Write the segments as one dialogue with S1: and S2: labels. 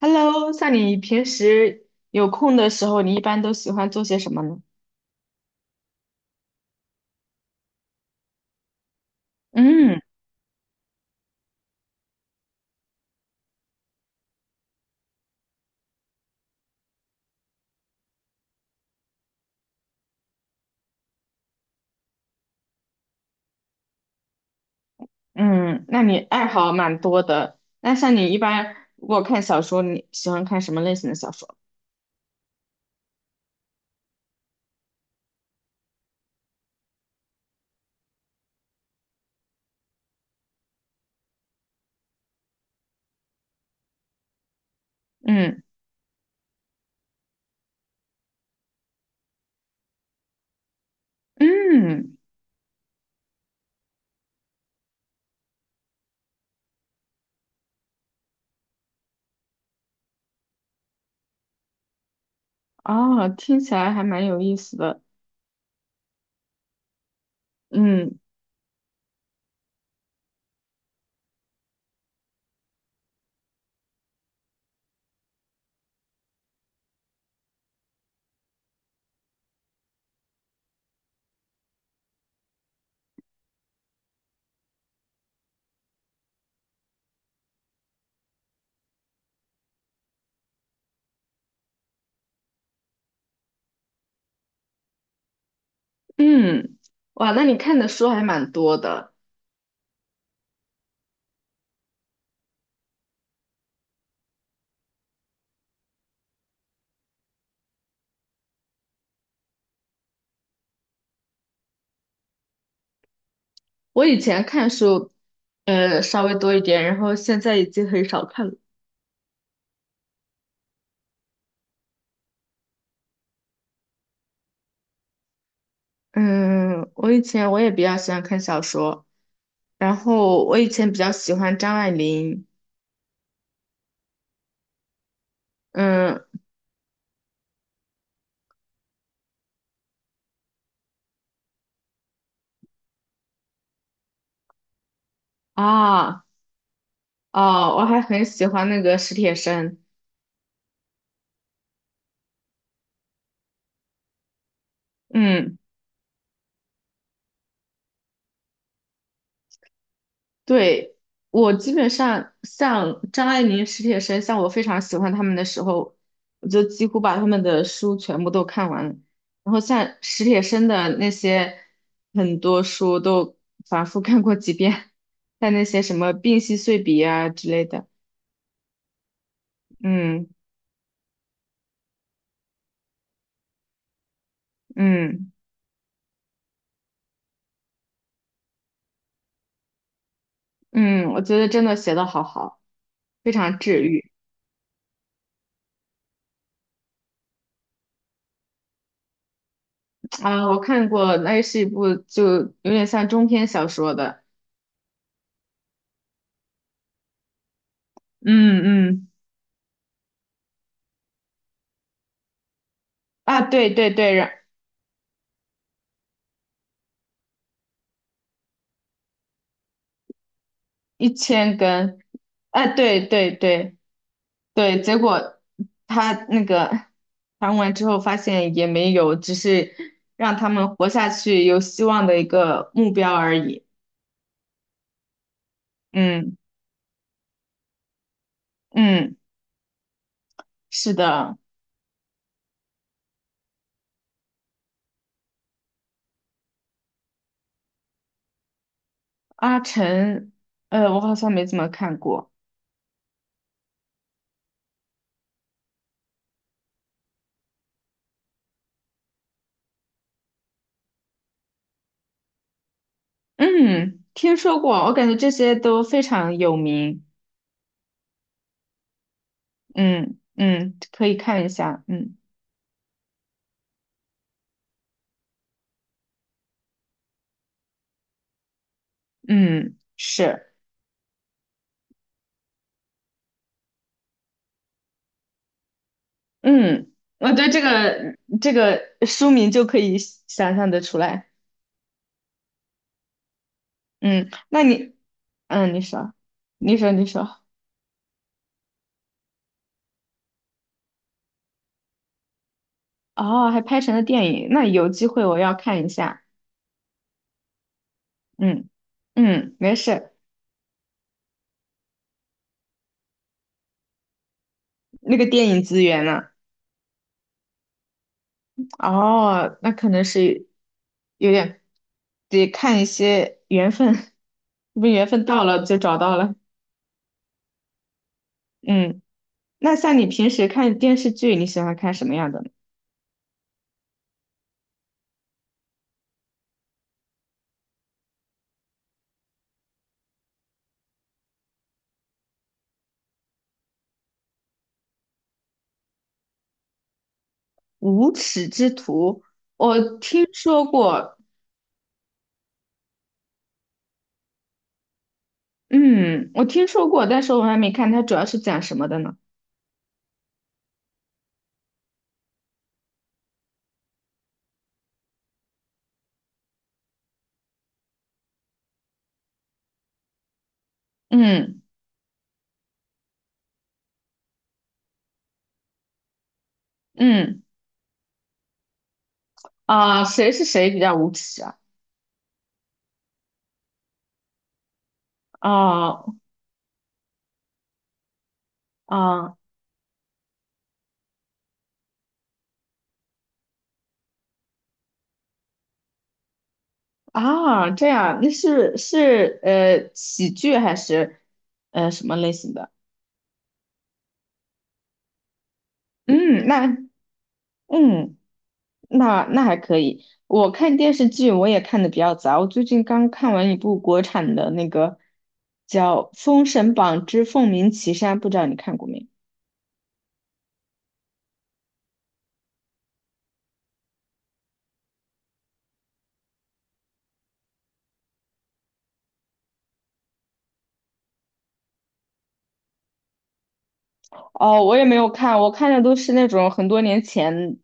S1: Hello，像你平时有空的时候，你一般都喜欢做些什么呢？嗯嗯，那你爱好蛮多的。那像你一般如果看小说，你喜欢看什么类型的小说？嗯嗯，哦，听起来还蛮有意思的。嗯嗯，哇，那你看的书还蛮多的。我以前看书，稍微多一点，然后现在已经很少看了。嗯，我以前我也比较喜欢看小说。然后我以前比较喜欢张爱玲，嗯啊哦，我还很喜欢那个史铁生，嗯，对，我基本上像张爱玲、史铁生，像我非常喜欢他们的时候，我就几乎把他们的书全部都看完了。然后像史铁生的那些很多书都反复看过几遍，像那些什么《病隙碎笔》啊之类的，嗯嗯嗯，我觉得真的写的好好。非常治愈。啊！我看过，那是一部就有点像中篇小说的，嗯嗯啊，对对对，一千根，啊，对对对对，结果他那个谈完之后发现也没有，只是让他们活下去有希望的一个目标而已。嗯嗯，是的，阿晨，我好像没怎么看过，嗯，听说过，我感觉这些都非常有名。嗯嗯，可以看一下，嗯嗯是，嗯，我对这个书名就可以想象的出来，嗯，那你，嗯，你说，你说，你说，哦，还拍成了电影，那有机会我要看一下，嗯嗯，没事，那个电影资源呢？哦，那可能是有点得看一些缘分，是不是缘分到了就找到了，嗯。那像你平时看电视剧，你喜欢看什么样的呢？无耻之徒，我听说过，嗯，我听说过，但是我还没看。它主要是讲什么的呢？嗯嗯，啊、谁是谁比较无耻啊？啊啊啊，这样，那是喜剧还是什么类型的？嗯，那嗯还可以。我看电视剧我也看的比较杂，我最近刚看完一部国产的那个叫《封神榜之凤鸣岐山》，不知道你看过没？哦，我也没有看，我看的都是那种很多年前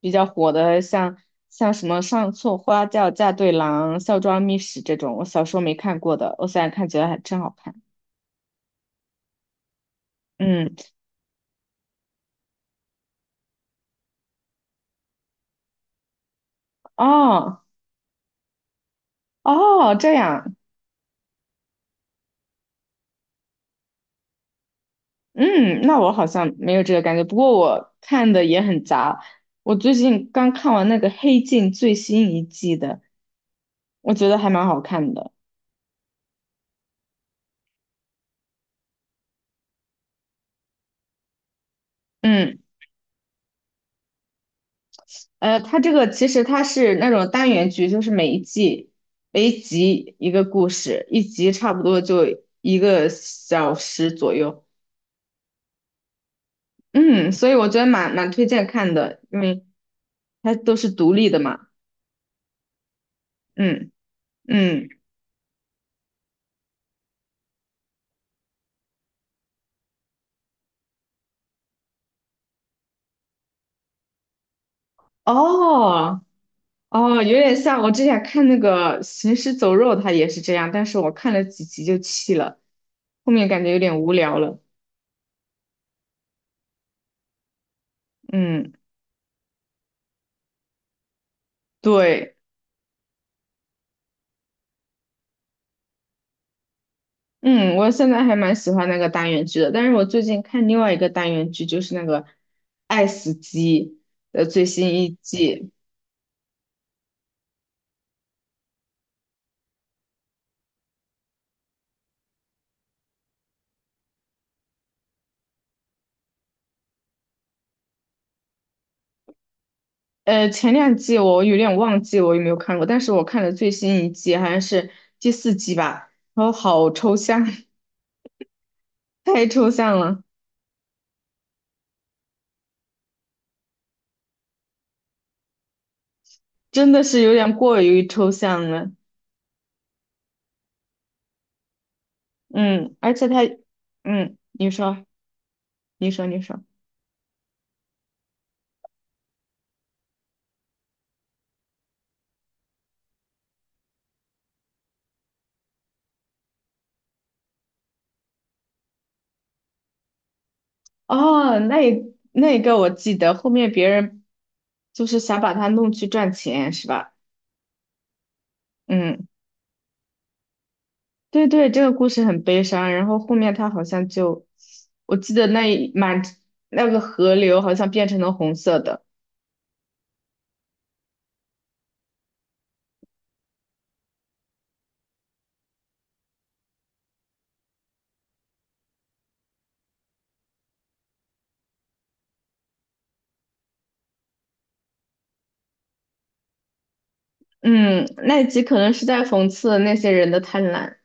S1: 比较火的，像什么《上错花轿嫁对郎》《孝庄秘史》这种，我小时候没看过的，我现在看觉得还真好看。嗯，哦哦，这样。嗯，那我好像没有这个感觉，不过我看的也很杂。我最近刚看完那个《黑镜》最新一季的，我觉得还蛮好看的。嗯，它这个其实它是那种单元剧，就是每一季每一集一个故事，一集差不多就一个小时左右。嗯，所以我觉得蛮推荐看的，因为它都是独立的嘛。嗯嗯，哦。哦，有点像我之前看那个《行尸走肉》，它也是这样，但是我看了几集就弃了，后面感觉有点无聊了。嗯，对，嗯，我现在还蛮喜欢那个单元剧的，但是我最近看另外一个单元剧，就是那个《爱死机》的最新一季。前两季我有点忘记我有没有看过，但是我看了最新一季，好像是第四季吧，然后好抽象，太抽象了，真的是有点过于抽象了。嗯，而且他，嗯，你说，你说，你说，哦，那一个我记得，后面别人就是想把他弄去赚钱，是吧？嗯，对对，这个故事很悲伤。然后后面他好像就，我记得那一满那个河流好像变成了红色的。嗯，那一集可能是在讽刺那些人的贪婪。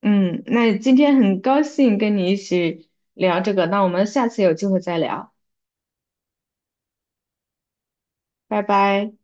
S1: 嗯，那今天很高兴跟你一起聊这个，那我们下次有机会再聊，拜拜。